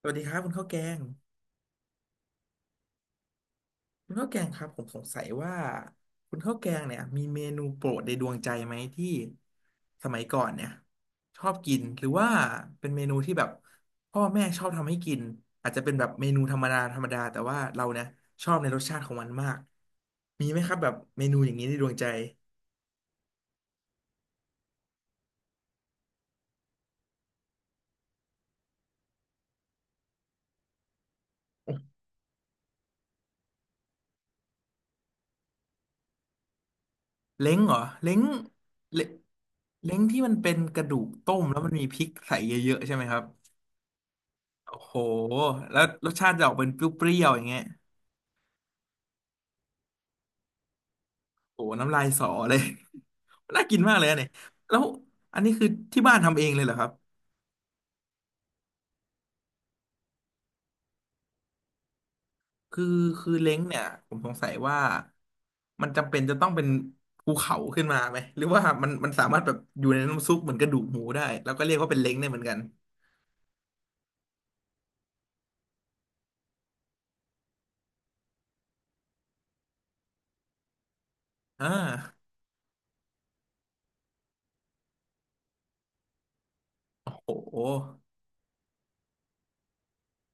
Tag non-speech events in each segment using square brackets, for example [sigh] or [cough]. สวัสดีครับคุณข้าวแกงคุณข้าวแกงครับผมสงสัยว่าคุณข้าวแกงเนี่ยมีเมนูโปรดในดวงใจไหมที่สมัยก่อนเนี่ยชอบกินหรือว่าเป็นเมนูที่แบบพ่อแม่ชอบทำให้กินอาจจะเป็นแบบเมนูธรรมดาธรรมดาแต่ว่าเราเนี่ยชอบในรสชาติของมันมากมีไหมครับแบบเมนูอย่างนี้ในดวงใจเล้งเหรอเล้งเลเล้งที่มันเป็นกระดูกต้มแล้วมันมีพริกใส่เยอะๆใช่ไหมครับโอ้โหแล้วรสชาติจะออกเป็นเปรี้ยวๆอย่างเงี้ย โอ้โหน้ำลายสอเลย [laughs] น่ากินมากเลยอะเนี่ยแล้วอันนี้คือที่บ้านทำเองเลยเหรอครับคือคือเล้งเนี่ยผมสงสัยว่ามันจำเป็นจะต้องเป็นภูเขาขึ้นมาไหมหรือว่ามันสามารถแบบอยู่ในน้ำซุปเหมือนกระดูกหมูได้แล้วก็เรียกว่าเป็นเล้งได้เหมือนกันอ่าโอ้โห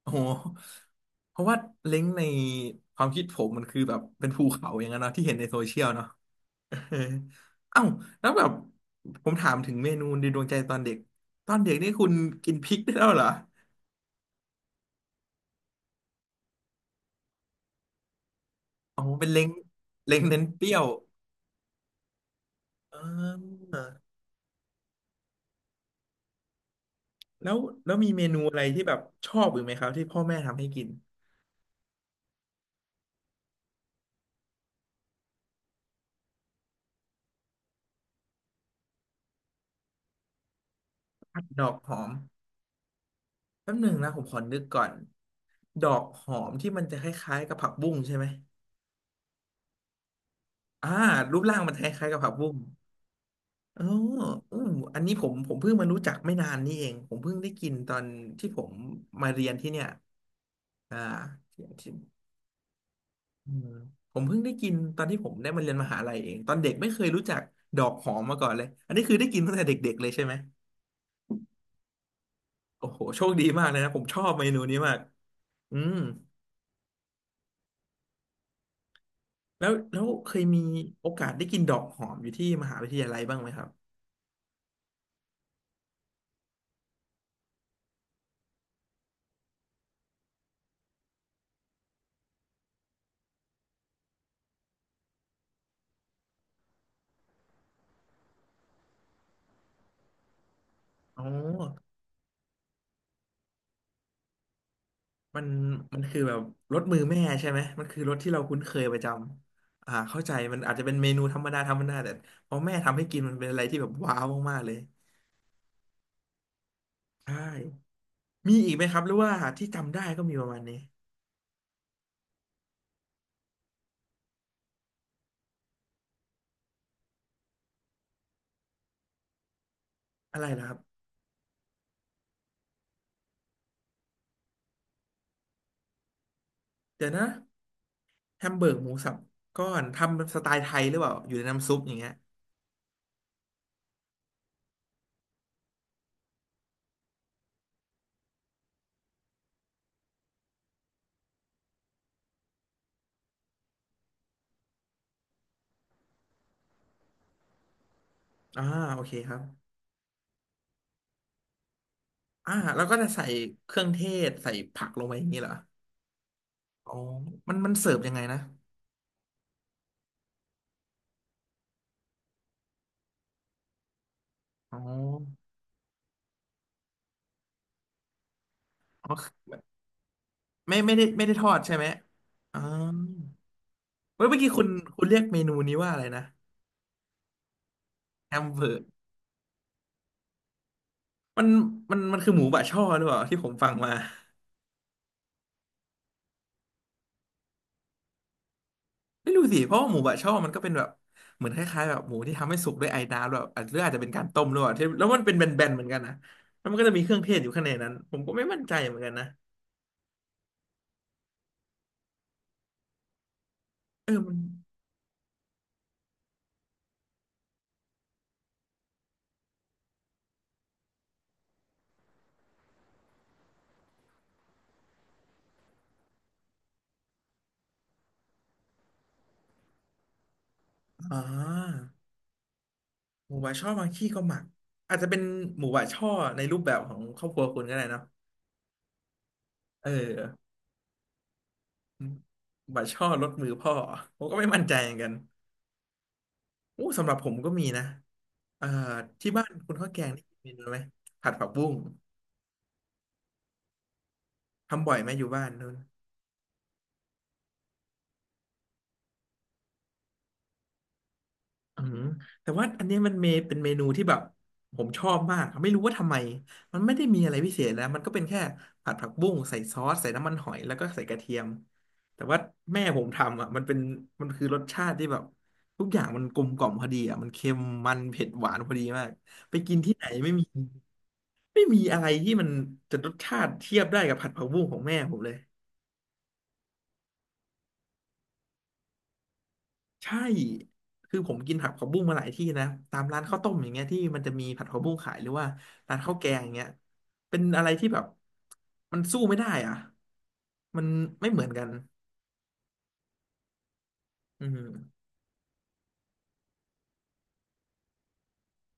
โอ้โหเพราะว่าเล้งในความคิดผมมันคือแบบเป็นภูเขาอย่างนั้นเนาะที่เห็นในโซเชียลเนาะ [laughs] เออเอ้าแล้วแบบผมถามถึงเมนูในดวงใจตอนเด็กตอนเด็กนี่คุณกินพริกได้แล้วเหรออ๋อเป็นเล้งเล้งเน้นเปรี้ยวอ่าแล้วแล้วมีเมนูอะไรที่แบบชอบอยู่ไหมครับที่พ่อแม่ทำให้กินผัดดอกหอมแป๊บหนึ่งนะผมขอนึกก่อนดอกหอมที่มันจะคล้ายๆกับผักบุ้งใช่ไหมอ่ารูปร่างมันคล้ายๆกับผักบุ้งเอออืมอันนี้ผมเพิ่งมารู้จักไม่นานนี่เองผมเพิ่งได้กินตอนที่ผมมาเรียนที่เนี่ย อ่าที่ทอืมผมเพิ่งได้กินตอนที่ผมได้มาเรียนมหาลัยเองตอนเด็กไม่เคยรู้จักดอกหอมมาก่อนเลยอันนี้คือได้กินตั้งแต่เด็กๆเลยใช่ไหมโอ้โหโชคดีมากเลยนะผมชอบเมนูนี้มากอืมแล้วแล้วเคยมีโอกาสได้กินดอกหอมอยู่ที่มหาวิทยาลัยบ้างไหมครับอ๋อมันมันคือแบบรสมือแม่ใช่ไหมมันคือรสที่เราคุ้นเคยประจำอ่าเข้าใจมันอาจจะเป็นเมนูธรรมดาธรรมดาแต่พอแม่ทำให้กินมันเป็นอะไรที่แบบว้าวมากๆเลยใช่ มีอีกไหมครับหรือว่าที่จำได้ก็มีประมาณนี้อะไรล่ะครับเดี๋ยวนะแฮมเบอร์กหมูสับก้อนทำสไตล์ไทยหรือเปล่าอยู่ในน้ำซุปอย่างเงี้ยอ่าโอเคครับอ่าแล้วก็จะใส่เครื่องเทศใส่ผักลงไปอย่างนี้เหรออ๋อมันเสิร์ฟยังไงนะอ๋ออ๋อไม่ไม่ได้ทอดใช่ไหมอ๋อเว้ยเมื่อกี้คุณเรียกเมนูนี้ว่าอะไรนะแฮมเบอร์กมันมันคือหมูบะช่อหรือเปล่าที่ผมฟังมา ไม่รู้สิเพราะว่าหมูบะช่อมันก็เป็นแบบเหมือนคล้ายๆแบบหมูที่ทำให้สุกด้วยไอน้ำแบบอาจหรืออาจจะเป็นการต้มหรือ่ที่แล้วมันเป็นแบนๆเหมือนกันนะแล้วมันก็จะมีเครื่องเทศอยู่ข้างในนั้นผมก็ไม่มั่นใจเหมือนกันนะเออมันอ่าหมูบะช่อบางที่ก็หมักอาจจะเป็นหมูบะช่อในรูปแบบของครอบครัวคุณก็ได้เนอะเออหมูบะช่อรสมือพ่อผมก็ไม่มั่นใจเหมือนกันโอ้สำหรับผมก็มีนะเอ่อที่บ้านคุณข้าวแกงนี่มีเมนูไหมผัดผักบุ้งทำบ่อยไหมอยู่บ้านนู้น อืมแต่ว่าอันเนี้ยมันเมเป็นเมนูที่แบบผมชอบมากไม่รู้ว่าทำไมมันไม่ได้มีอะไรพิเศษนะมันก็เป็นแค่ผัดผักบุ้งใส่ซอสใส่น้ำมันหอยแล้วก็ใส่กระเทียมแต่ว่าแม่ผมทำอ่ะมันเป็นมันคือรสชาติที่แบบทุกอย่างมันกลมกล่อมพอดีอ่ะมันเค็มมันเผ็ดหวานพอดีมากไปกินที่ไหนไม่มีไม่มีอะไรที่มันจะรสชาติเทียบได้กับผัดผักบุ้งของแม่ผมเลย ใช่คือผมกินผัดผักบุ้งมาหลายที่นะตามร้านข้าวต้มอย่างเงี้ยที่มันจะมีผัดผักบุ้งขายหรือว่าร้านข้าวแกงอย่างเงี้ยเป็นอะไรที่แบบมันสู้ไม่ได้อ่ะมันไม่เหมือนกันอืม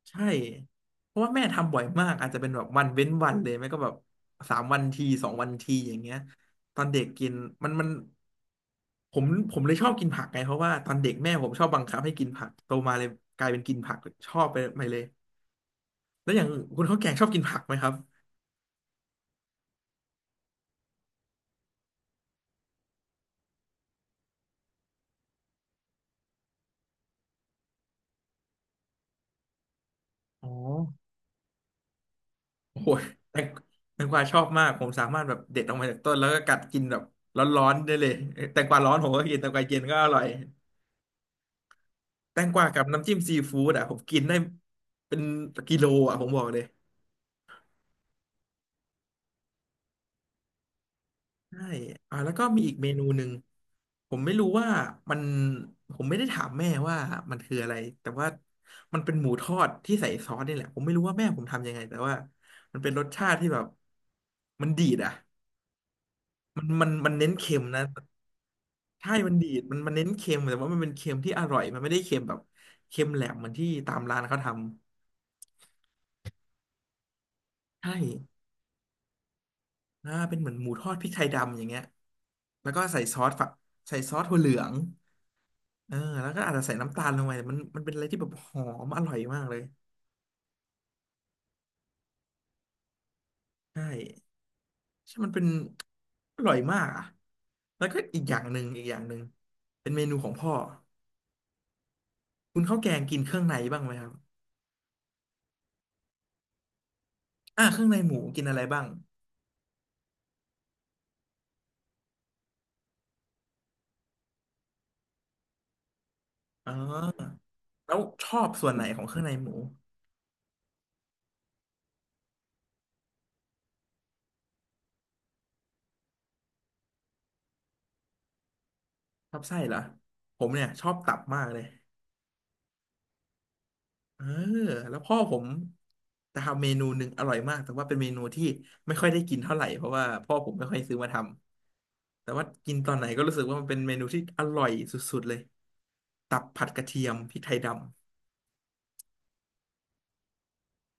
ใช่เพราะว่าแม่ทำบ่อยมากอาจจะเป็นแบบวันเว้นวันเลยไม่ก็แบบสามวันทีสองวันทีอย่างเงี้ยตอนเด็กกินมันผมผมเลยชอบกินผักไงเพราะว่าตอนเด็กแม่ผมชอบบังคับให้กินผักโตมาเลยกลายเป็นกินผักชอบไปเลย แล้วอย่างคุณข้าวแกงชอบกินผักไหมครับอ๋อโอ้โหแตงแตงกวาชอบมาก ผมสามารถแบบเด็ดออกมาจากต้นแล้วก็กัดกินแบบร้อนๆได้เลยเอ้ยแตงกวาร้อนผมก็กินแตงกวาเย็นก็อร่อย แตงกวากับน้ำจิ้มซีฟู้ดอ่ะผมกินได้เป็นกิโลอ่ะผมบอกเลย ใช่ อ่าแล้วก็มีอีกเมนูหนึ่งผมไม่รู้ว่ามันผมไม่ได้ถามแม่ว่ามันคืออะไรแต่ว่ามันเป็นหมูทอดที่ใส่ซอสนี่แหละผมไม่รู้ว่าแม่ผมทำยังไงแต่ว่ามันเป็นรสชาติที่แบบมันดีดอ่ะ มันเน้นเค็มนะใช่มันดีดมันเน้นเค็มแต่ว่ามันเป็นเค็มที่อร่อยมันไม่ได้เค็มแบบเค็มแหลมเหมือนที่ตามร้านเขาทำใช่อ่าเป็นเหมือนหมูทอดพริกไทยดำอย่างเงี้ยแล้วก็ใส่ซอสฝักใส่ซอสถั่วเหลืองเออแล้วก็อาจจะใส่น้ำตาลลงไปแต่มันเป็นอะไรที่แบบหอมอร่อยมากเลยใช่ใช่มันเป็นอร่อยมากอ่ะแล้วก็อีกอย่างหนึ่งอีกอย่างหนึ่งเป็นเมนูของพ่อคุณข้าวแกงกินเครื่องในบ้างไหมครับอ่าเครื่องในหมูกินอะไรบ้างอ๋อ แล้วชอบส่วนไหนของเครื่องในหมูชอบไส้เหรอผมเนี่ยชอบตับมากเลยเออแล้วพ่อผมจะทำเมนูหนึ่งอร่อยมากแต่ว่าเป็นเมนูที่ไม่ค่อยได้กินเท่าไหร่เพราะว่าพ่อผมไม่ค่อยซื้อมาทำแต่ว่ากินตอนไหนก็รู้สึกว่ามันเป็นเมนูที่อร่อยสุดๆเลยตับผัดกระเทียมพริกไทยด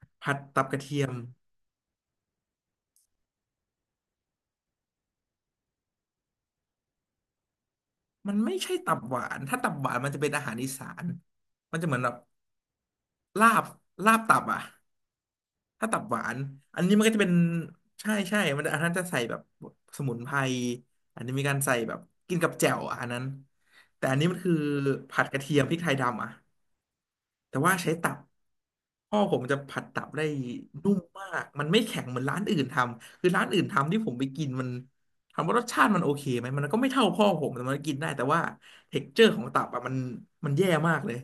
ำผัดตับกระเทียมมันไม่ใช่ตับหวานถ้าตับหวานมันจะเป็นอาหารอีสานมันจะเหมือนแบบลาบลาบตับอ่ะ ถ้าตับหวานอันนี้มันก็จะเป็นใช่ใช่มันอันนั้นจะใส่แบบสมุนไพรอันนี้มีการใส่แบบกินกับแจ่วอะอันนั้นแต่อันนี้มันคือผัดกระเทียมพริกไทยดำอ่ะแต่ว่าใช้ตับพ่อผมจะผัดตับได้นุ่มมากมันไม่แข็งเหมือนร้านอื่นทำคือร้านอื่นทำที่ผมไปกินมันถามว่ารสชาติมันโอเคไหมมันก็ไม่เท่าพ่อผมแต่มันกินได้แต่ว่าเท็กเจอร์ของตับอ่ะมันมันแย่มากเลย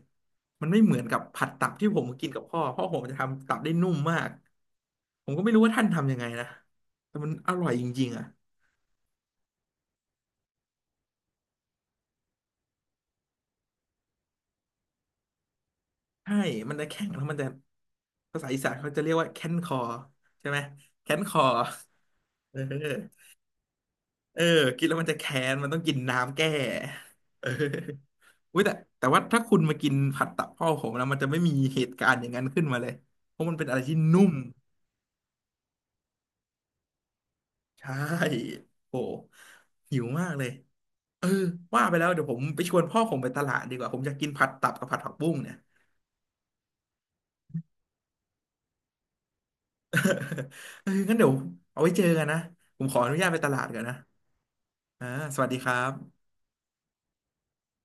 มันไม่เหมือนกับผัดตับที่ผมกินกับพ่อผมจะทำตับได้นุ่มมาก ผมก็ไม่รู้ว่าท่านทำยังไงนะแต่มันอร่อยจริงๆอ่ะใช่มันจะแข็งแล้วมันจะภาษาอีสานเขาจะเรียกว่าแค้นคอใช่ไหมแค้นคอเออเออกินแล้วมันจะแค้นมันต้องกินน้ำแก้เอออุ้ยแต่แต่ว่าถ้าคุณมากินผัดตับพ่อผมแล้วมันจะไม่มีเหตุการณ์อย่างนั้นขึ้นมาเลยเพราะมันเป็นอะไรที่นุ่มใช่โอ้หิวมากเลยเออว่าไปแล้วเดี๋ยวผมไปชวนพ่อผมไปตลาดดีกว่าผมอยากกินผัดตับกับผัดผักบุ้งเนี่ย [laughs] เอองั้นเดี๋ยวเอาไว้เจอกันนะผมขออนุญาตไปตลาดก่อนนะอ่าสวัสดีครับ